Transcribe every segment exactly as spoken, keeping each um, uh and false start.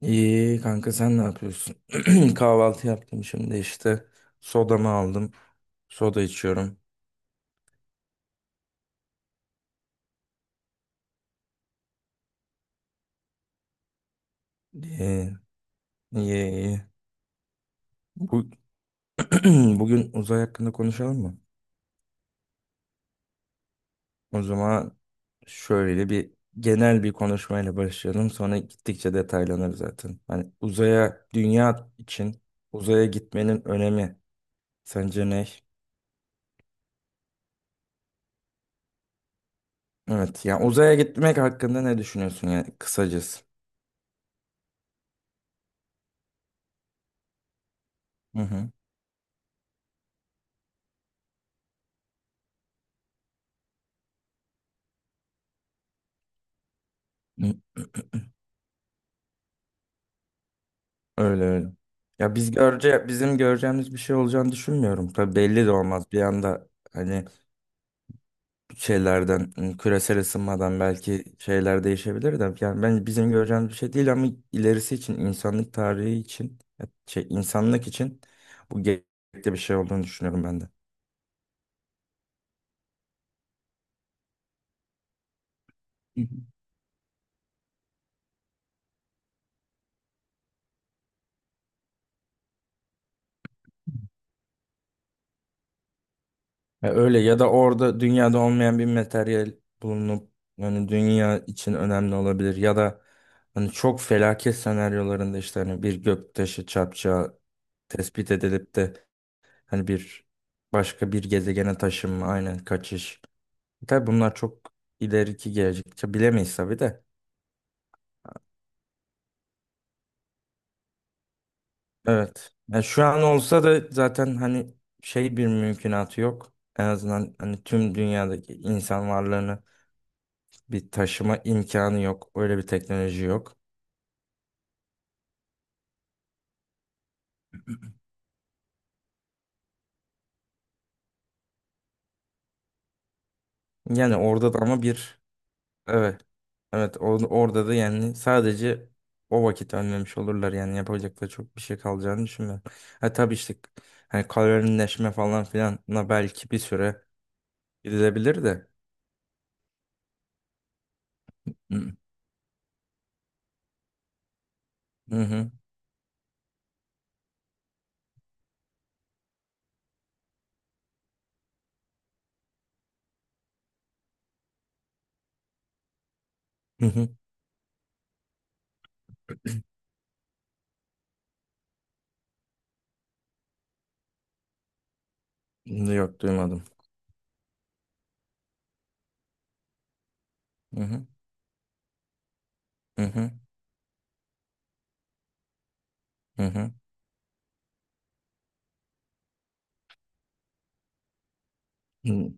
İyi kanka sen ne yapıyorsun? Kahvaltı yaptım şimdi işte. Sodamı aldım. Soda içiyorum. İyi iyi iyi. Bu, bugün uzay hakkında konuşalım mı? O zaman şöyle bir genel bir konuşmayla başlayalım. Sonra gittikçe detaylanır zaten. Hani uzaya dünya için uzaya gitmenin önemi sence ne? Evet yani uzaya gitmek hakkında ne düşünüyorsun yani kısacası? Hı hı. Öyle öyle. Ya biz görece bizim göreceğimiz bir şey olacağını düşünmüyorum. Tabii belli de olmaz. Bir anda hani şeylerden ım, küresel ısınmadan belki şeyler değişebilir de. Yani ben bizim göreceğimiz bir şey değil ama ilerisi için, insanlık tarihi için, şey insanlık için bu gerekli bir şey olduğunu düşünüyorum ben de. Ya öyle, ya da orada dünyada olmayan bir materyal bulunup hani dünya için önemli olabilir, ya da hani çok felaket senaryolarında işte hani bir göktaşı çarpacağı tespit edilip de hani bir başka bir gezegene taşınma, aynen kaçış. Tabii bunlar çok ileriki gelecekçe bilemeyiz tabii de. Evet. Ya şu an olsa da zaten hani şey bir mümkünatı yok. En azından hani tüm dünyadaki insan varlığını bir taşıma imkanı yok. Öyle bir teknoloji yok. Yani orada da ama bir evet evet or- orada da yani sadece o vakit önlemiş olurlar. Yani yapacak da çok bir şey kalacağını düşünmüyorum. Ha tabii işte hani kalorileşme falan filanla belki bir süre gidilebilir de. Hı hı. Hı hı. Hı hı. Yok duymadım. Hı hı. Hı hı. Hı hı.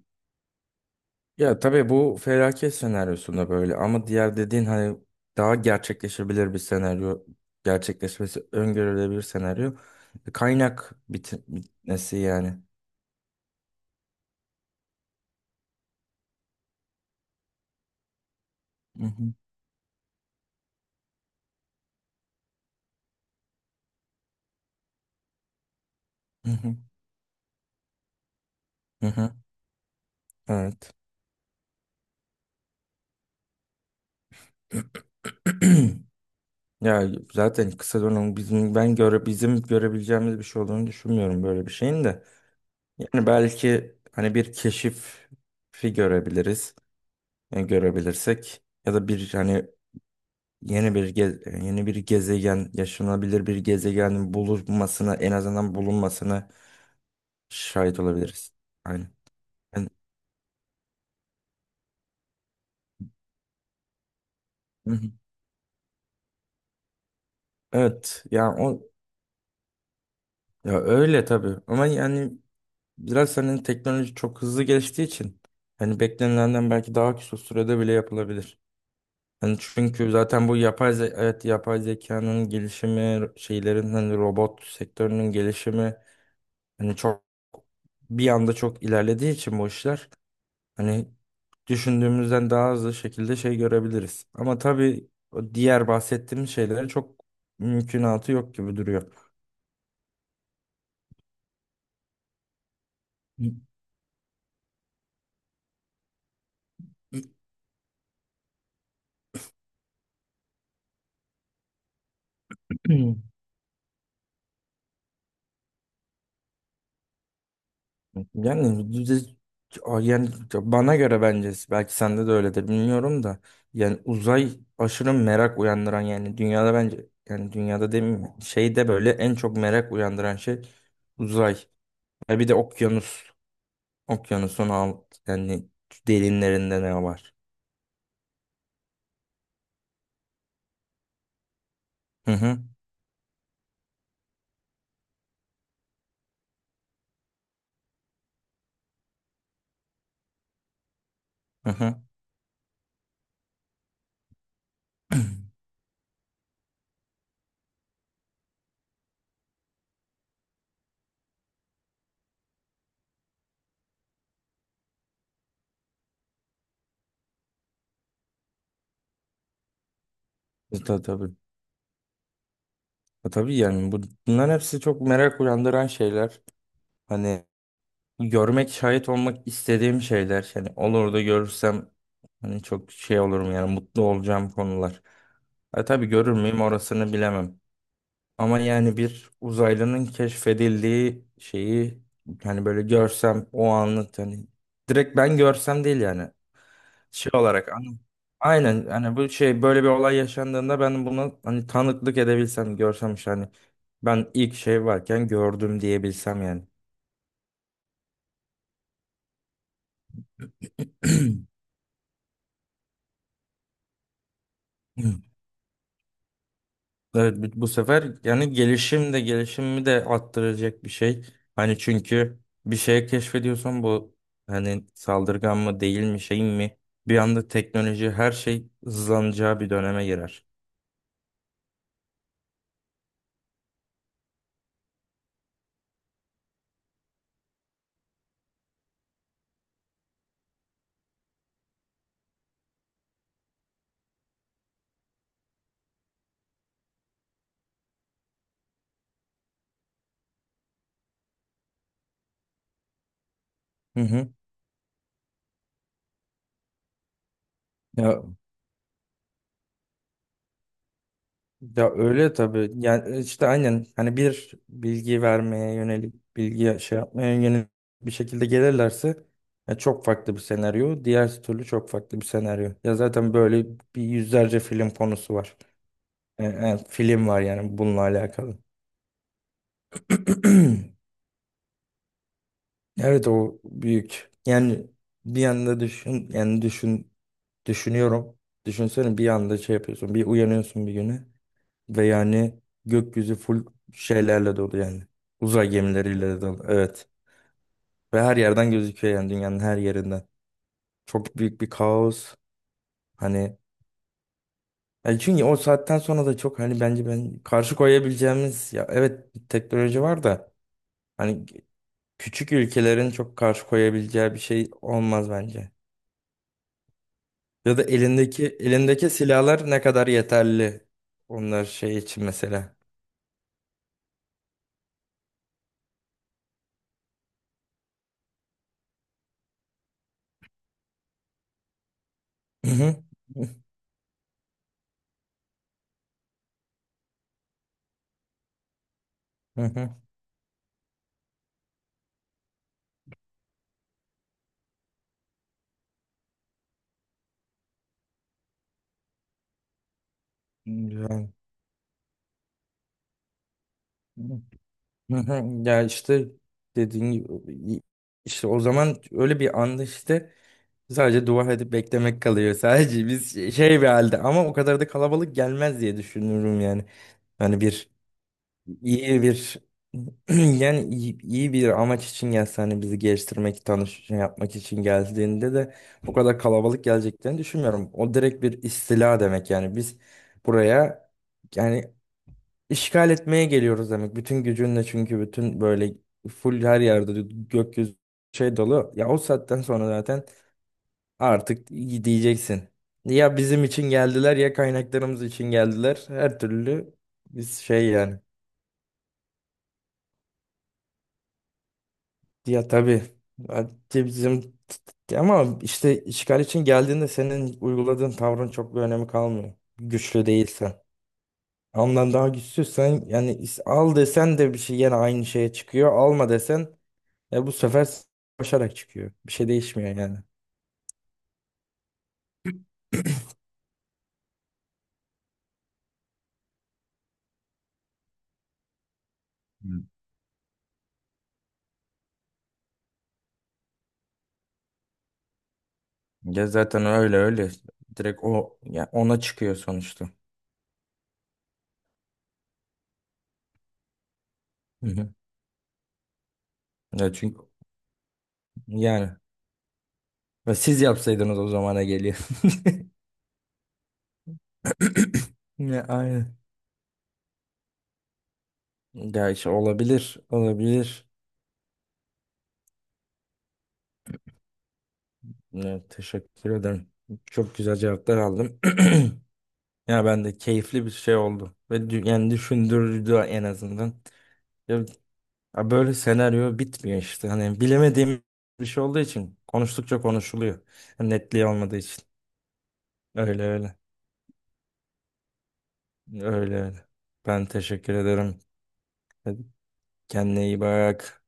Ya tabii bu felaket senaryosunda böyle, ama diğer dediğin hani daha gerçekleşebilir bir senaryo, gerçekleşmesi öngörülebilir senaryo. Kaynak bitin- bitmesi yani. Hı hı, hı hı, hı hı. Evet. Ya zaten kısa dönem bizim ben göre bizim görebileceğimiz bir şey olduğunu düşünmüyorum böyle bir şeyin de. Yani belki hani bir keşifi görebiliriz, yani görebilirsek, ya da bir hani yeni bir ge- yeni bir gezegen, yaşanabilir bir gezegenin bulunmasına, en azından bulunmasına şahit olabiliriz. Aynen. Yani- Hı hı. Evet. Ya o ya öyle tabii. Ama yani biraz hani teknoloji çok hızlı geliştiği için hani beklenilenden belki daha kısa sürede bile yapılabilir. Hani çünkü zaten bu yapay ze- evet yapay zekanın gelişimi, şeylerin hani robot sektörünün gelişimi hani çok bir anda çok ilerlediği için bu işler. Hani düşündüğümüzden daha hızlı şekilde şey görebiliriz. Ama tabii o diğer bahsettiğim şeylere çok mümkünatı yok gibi duruyor. Yani düz- yani bana göre, bence, belki sende de öyledir bilmiyorum da, yani uzay aşırı merak uyandıran, yani dünyada bence, yani dünyada demeyeyim, şeyde böyle en çok merak uyandıran şey uzay. Ve bir de okyanus. Okyanusun alt yani derinlerinde ne var? Hı hı. Hı hı. E, ta- tabii. E, tabii yani bu, bunların hepsi çok merak uyandıran şeyler. Hani görmek, şahit olmak istediğim şeyler. Yani olur da görürsem hani çok şey olurum yani, mutlu olacağım konular. E, tabii görür müyüm orasını bilemem. Ama yani bir uzaylının keşfedildiği şeyi hani böyle görsem o anlık hani direkt ben görsem değil yani. Şey olarak anı- aynen hani bu şey böyle bir olay yaşandığında ben buna hani tanıklık edebilsem, görsem işte hani ben ilk şey varken gördüm diyebilsem yani. Evet, bu bu sefer yani gelişim de gelişimimi de arttıracak bir şey. Hani çünkü bir şey keşfediyorsan bu hani saldırgan mı değil mi şey mi, bir anda teknoloji her şey hızlanacağı bir döneme girer. Hı hı. Ya Ya öyle tabii. Yani e, işte aynen hani bir bilgi vermeye yönelik, bilgi şey yapmaya yönelik bir şekilde gelirlerse ya çok farklı bir senaryo. Diğer türlü çok farklı bir senaryo. Ya zaten böyle bir yüzlerce film konusu var. E, e, film var yani bununla alakalı. Evet o büyük. Yani bir yanda düşün, yani düşün düşünüyorum. Düşünsene bir anda şey yapıyorsun. Bir uyanıyorsun bir güne. Ve yani gökyüzü full şeylerle dolu yani. Uzay gemileriyle de dolu. Evet. Ve her yerden gözüküyor yani, dünyanın her yerinden. Çok büyük bir kaos. Hani yani çünkü o saatten sonra da çok hani bence ben karşı koyabileceğimiz ya evet bir teknoloji var da hani küçük ülkelerin çok karşı koyabileceği bir şey olmaz bence. Ya da elindeki elindeki silahlar ne kadar yeterli onlar şey için mesela. Hı hı. Hı hı. Yani. Hı hı. Ya işte dediğin gibi işte o zaman öyle bir anda işte sadece dua edip beklemek kalıyor. Sadece biz şey şey bir halde, ama o kadar da kalabalık gelmez diye düşünüyorum yani. Hani bir iyi bir yani iyi, iyi bir amaç için gelse, hani bizi geliştirmek, tanış şey yapmak için geldiğinde de o kadar kalabalık geleceklerini düşünmüyorum. O direkt bir istila demek, yani biz buraya yani İşgal etmeye geliyoruz demek. Bütün gücünle, çünkü bütün böyle full her yerde gökyüzü şey dolu. Ya o saatten sonra zaten artık diyeceksin. Ya bizim için geldiler ya kaynaklarımız için geldiler. Her türlü biz şey yani. Ya tabii. Hadi bizim ama işte işgal için geldiğinde senin uyguladığın tavrın çok bir önemi kalmıyor. Güçlü değilsen. Ondan daha güçsüzsen yani is- al desen de bir şey, yine aynı şeye çıkıyor. Alma desen, e bu sefer koşarak çıkıyor. Bir şey değişmiyor yani. Hı. Ya zaten öyle öyle. Direkt o ya, ona çıkıyor sonuçta. Hı hı. Ya çünkü yani ve siz yapsaydınız o zamana geliyor. Ya aynen. Ya işte olabilir, olabilir. Ya, teşekkür ederim. Çok güzel cevaplar aldım. Ya ben de keyifli bir şey oldu ve dü- yani düşündürdü en azından. Ya Ya böyle senaryo bitmiyor işte. Hani bilemediğim bir şey olduğu için konuştukça konuşuluyor. Yani netliği olmadığı için. Öyle öyle. Öyle öyle. Ben teşekkür ederim. Hadi, kendine iyi bak.